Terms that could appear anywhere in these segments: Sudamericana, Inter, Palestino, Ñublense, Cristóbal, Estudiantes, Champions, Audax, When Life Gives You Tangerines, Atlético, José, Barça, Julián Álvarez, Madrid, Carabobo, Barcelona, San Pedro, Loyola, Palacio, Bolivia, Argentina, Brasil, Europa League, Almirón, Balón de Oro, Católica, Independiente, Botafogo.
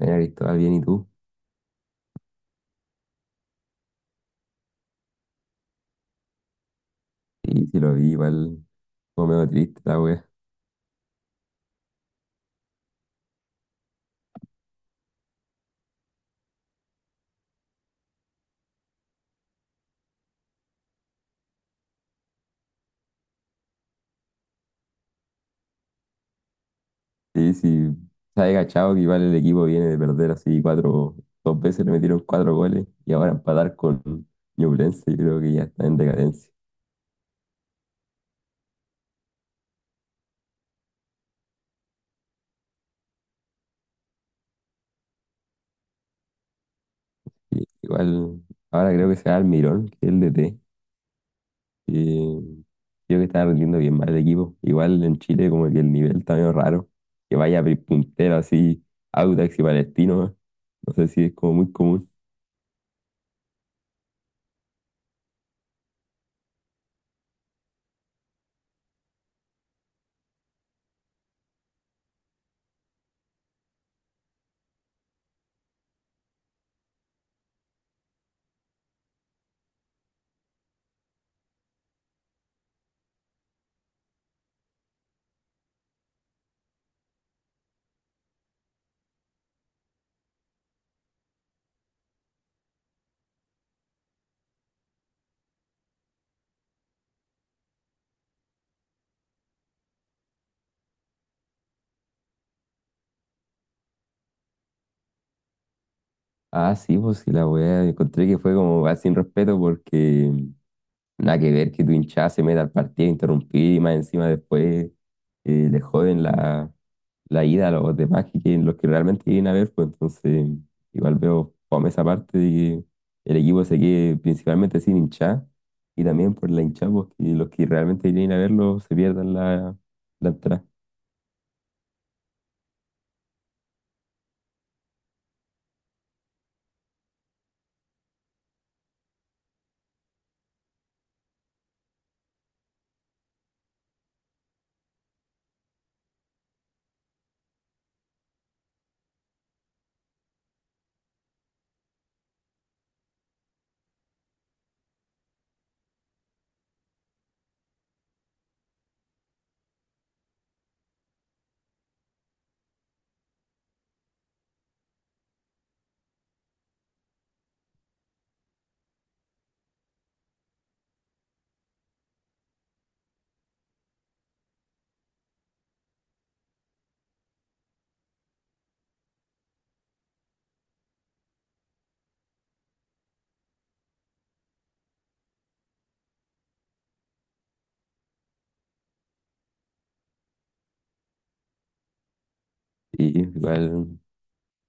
Cristóbal, bien, ¿y tú? Sí, sí lo vi, igual como medio triste la wea. Sí, sí, sabe cachado que igual el equipo viene de perder así cuatro, dos veces le metieron cuatro goles y ahora empatar con Ñublense, yo creo que ya está en decadencia. Y igual, ahora creo que será Almirón, que es el DT, y creo que está rindiendo bien mal el equipo. Igual en Chile como que el nivel está medio raro, que vaya puntero así, Audax y Palestino, ¿no? No sé si es como muy común. Ah, sí, pues sí, la weá. Encontré que fue como va sin respeto porque nada que ver que tu hinchada se meta al partido, interrumpir y más encima después le joden la ida a los demás que los que realmente quieren a ver, pues entonces igual veo fome esa parte de que el equipo se quede principalmente sin hinchada y también por la hinchada, pues que los que realmente quieren a verlo se pierdan la entrada. Y igual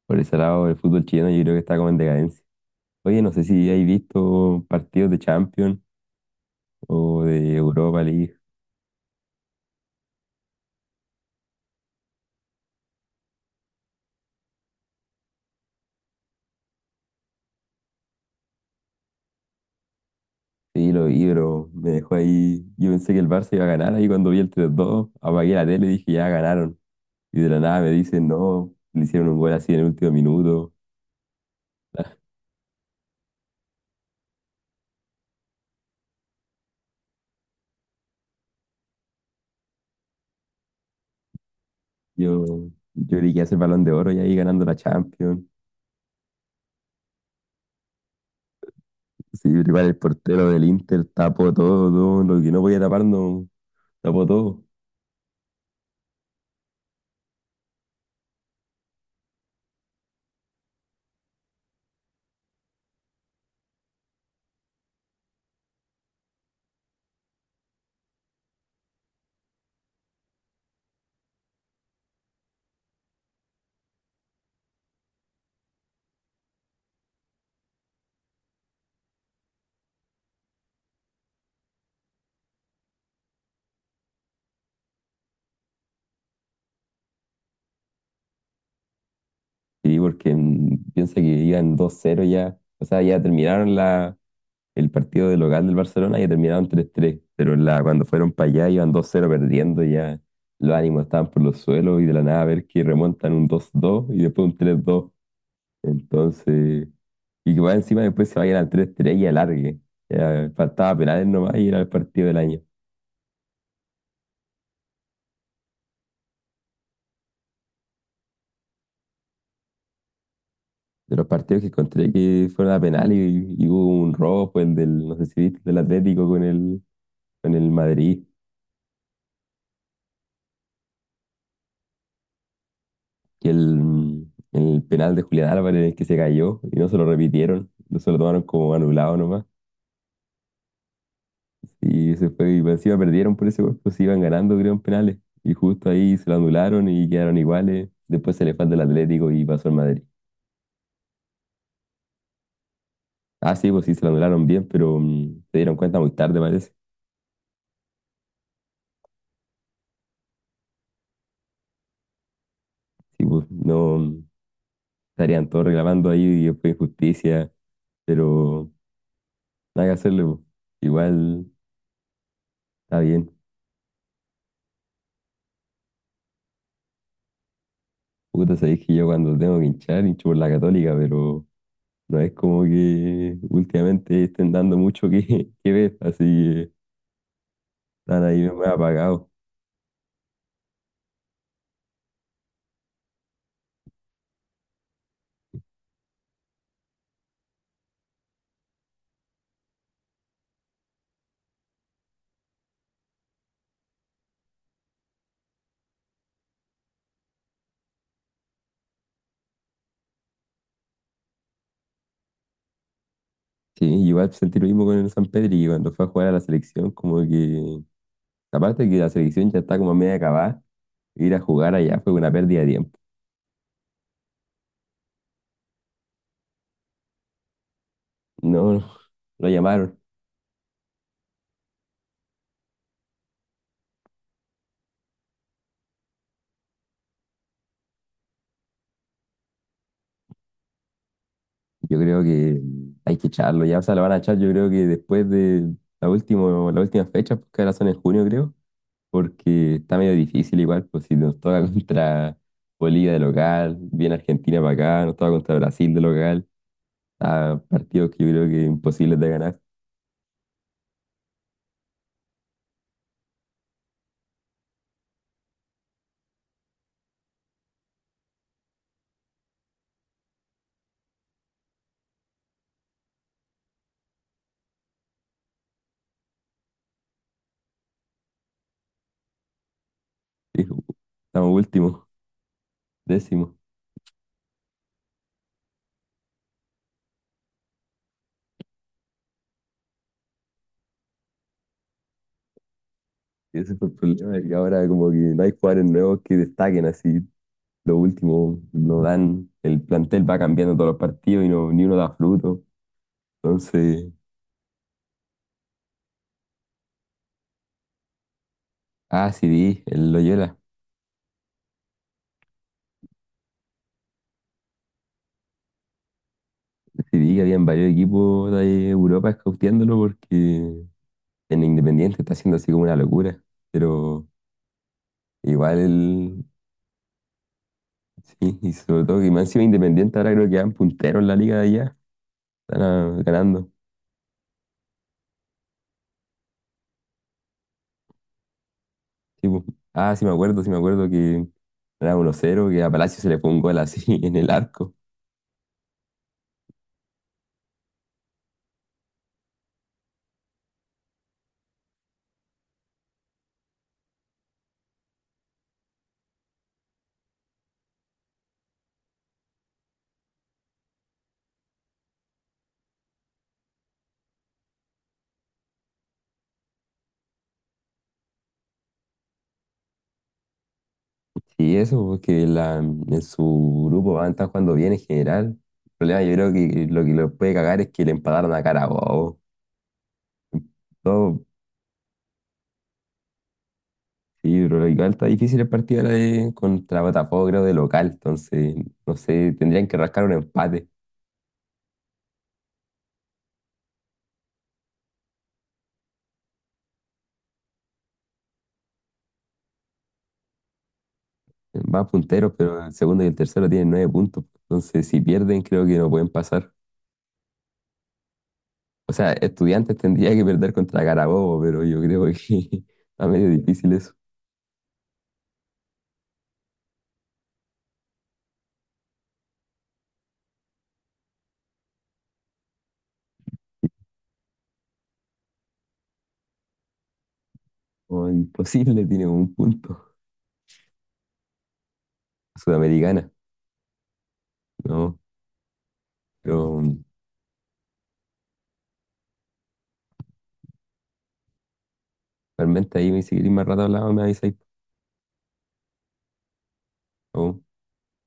por ese lado el fútbol chileno yo creo que está como en decadencia. Oye, no sé si hay visto partidos de Champions o de Europa League. Sí, lo vi, pero me dejó ahí. Yo pensé que el Barça iba a ganar ahí cuando vi el 3-2, apagué la tele y dije, ya ganaron. Y de la nada me dicen, no, le hicieron un gol así en el último minuto. Yo, yo creí que hace el Balón de Oro y ahí ganando la Champions. Sí, pero igual el portero del Inter tapó todo, todo lo que no podía tapar, no tapó todo. Sí, porque piensa que iban 2-0 ya. O sea, ya terminaron la el partido del local del Barcelona y terminaron 3-3 pero en la, cuando fueron para allá iban 2-0 perdiendo, ya los ánimos estaban por los suelos y de la nada ver que remontan un 2-2 y después un 3-2. Entonces, y que más encima después se vayan al 3-3 y alargue. Ya faltaba penales nomás y era el partido del año. De los partidos que encontré que fueron a penales y hubo un rojo, el del, no sé si viste, el del Atlético con con el Madrid. Que el penal de Julián Álvarez en el que se cayó y no se lo repitieron, no se lo tomaron como anulado nomás. Y se fue, y encima perdieron por ese gol, pues se iban ganando, creo, en penales. Y justo ahí se lo anularon y quedaron iguales. Después se le falta el Atlético y pasó al Madrid. Ah, sí, pues sí, se lo anularon bien, pero se dieron cuenta muy tarde, parece. Sí, pues no, estarían todos reclamando ahí y fue injusticia, pero nada que hacerle, pues. Igual está bien. Puta, sabéis que yo cuando tengo que hinchar, hincho por la Católica, pero no es como que últimamente estén dando mucho que, que ver, así que están ahí más apagados. Sí, igual sentí lo mismo con el San Pedro y cuando fue a jugar a la selección, como que, aparte de que la selección ya está como a media acabada, ir a jugar allá fue una pérdida de tiempo. No, no, lo llamaron. Yo creo que hay que echarlo, ya, o sea, lo van a echar yo creo que después de la última fecha, porque ahora son en junio, creo. Porque está medio difícil igual, pues si nos toca contra Bolivia de local, viene Argentina para acá, nos toca contra Brasil de local, a partidos que yo creo que imposibles de ganar. Sí, estamos últimos, décimos. Y ese fue el problema, que ahora como que no hay jugadores nuevos que destaquen así. Los últimos no dan, el plantel va cambiando todos los partidos y no, ni uno da fruto. Entonces, ah, sí vi, el Loyola, sí vi que habían varios equipos de Europa escauteándolo porque en Independiente está haciendo así como una locura, pero igual, sí, y sobre todo que más encima Independiente ahora creo que van punteros en la liga de allá, están ah, ganando. Sí, po. Ah, sí me acuerdo que era 1-0 que a Palacio se le fue un gol así en el arco. Y eso, porque en su grupo van a estar jugando bien en general. El problema yo creo que lo que los puede cagar es que le empataron a Carabobo. Todo. Sí, pero igual está difícil el partido ahora contra Botafogo, creo, de local. Entonces, no sé, tendrían que rascar un empate. Van punteros, pero el segundo y el tercero tienen 9 puntos. Entonces, si pierden, creo que no pueden pasar. O sea, Estudiantes tendría que perder contra Carabobo, pero yo creo que está medio difícil eso. O imposible, tiene un punto. Sudamericana, ¿no? Pero mm, realmente ahí me seguiría más rato hablando, me avisáis.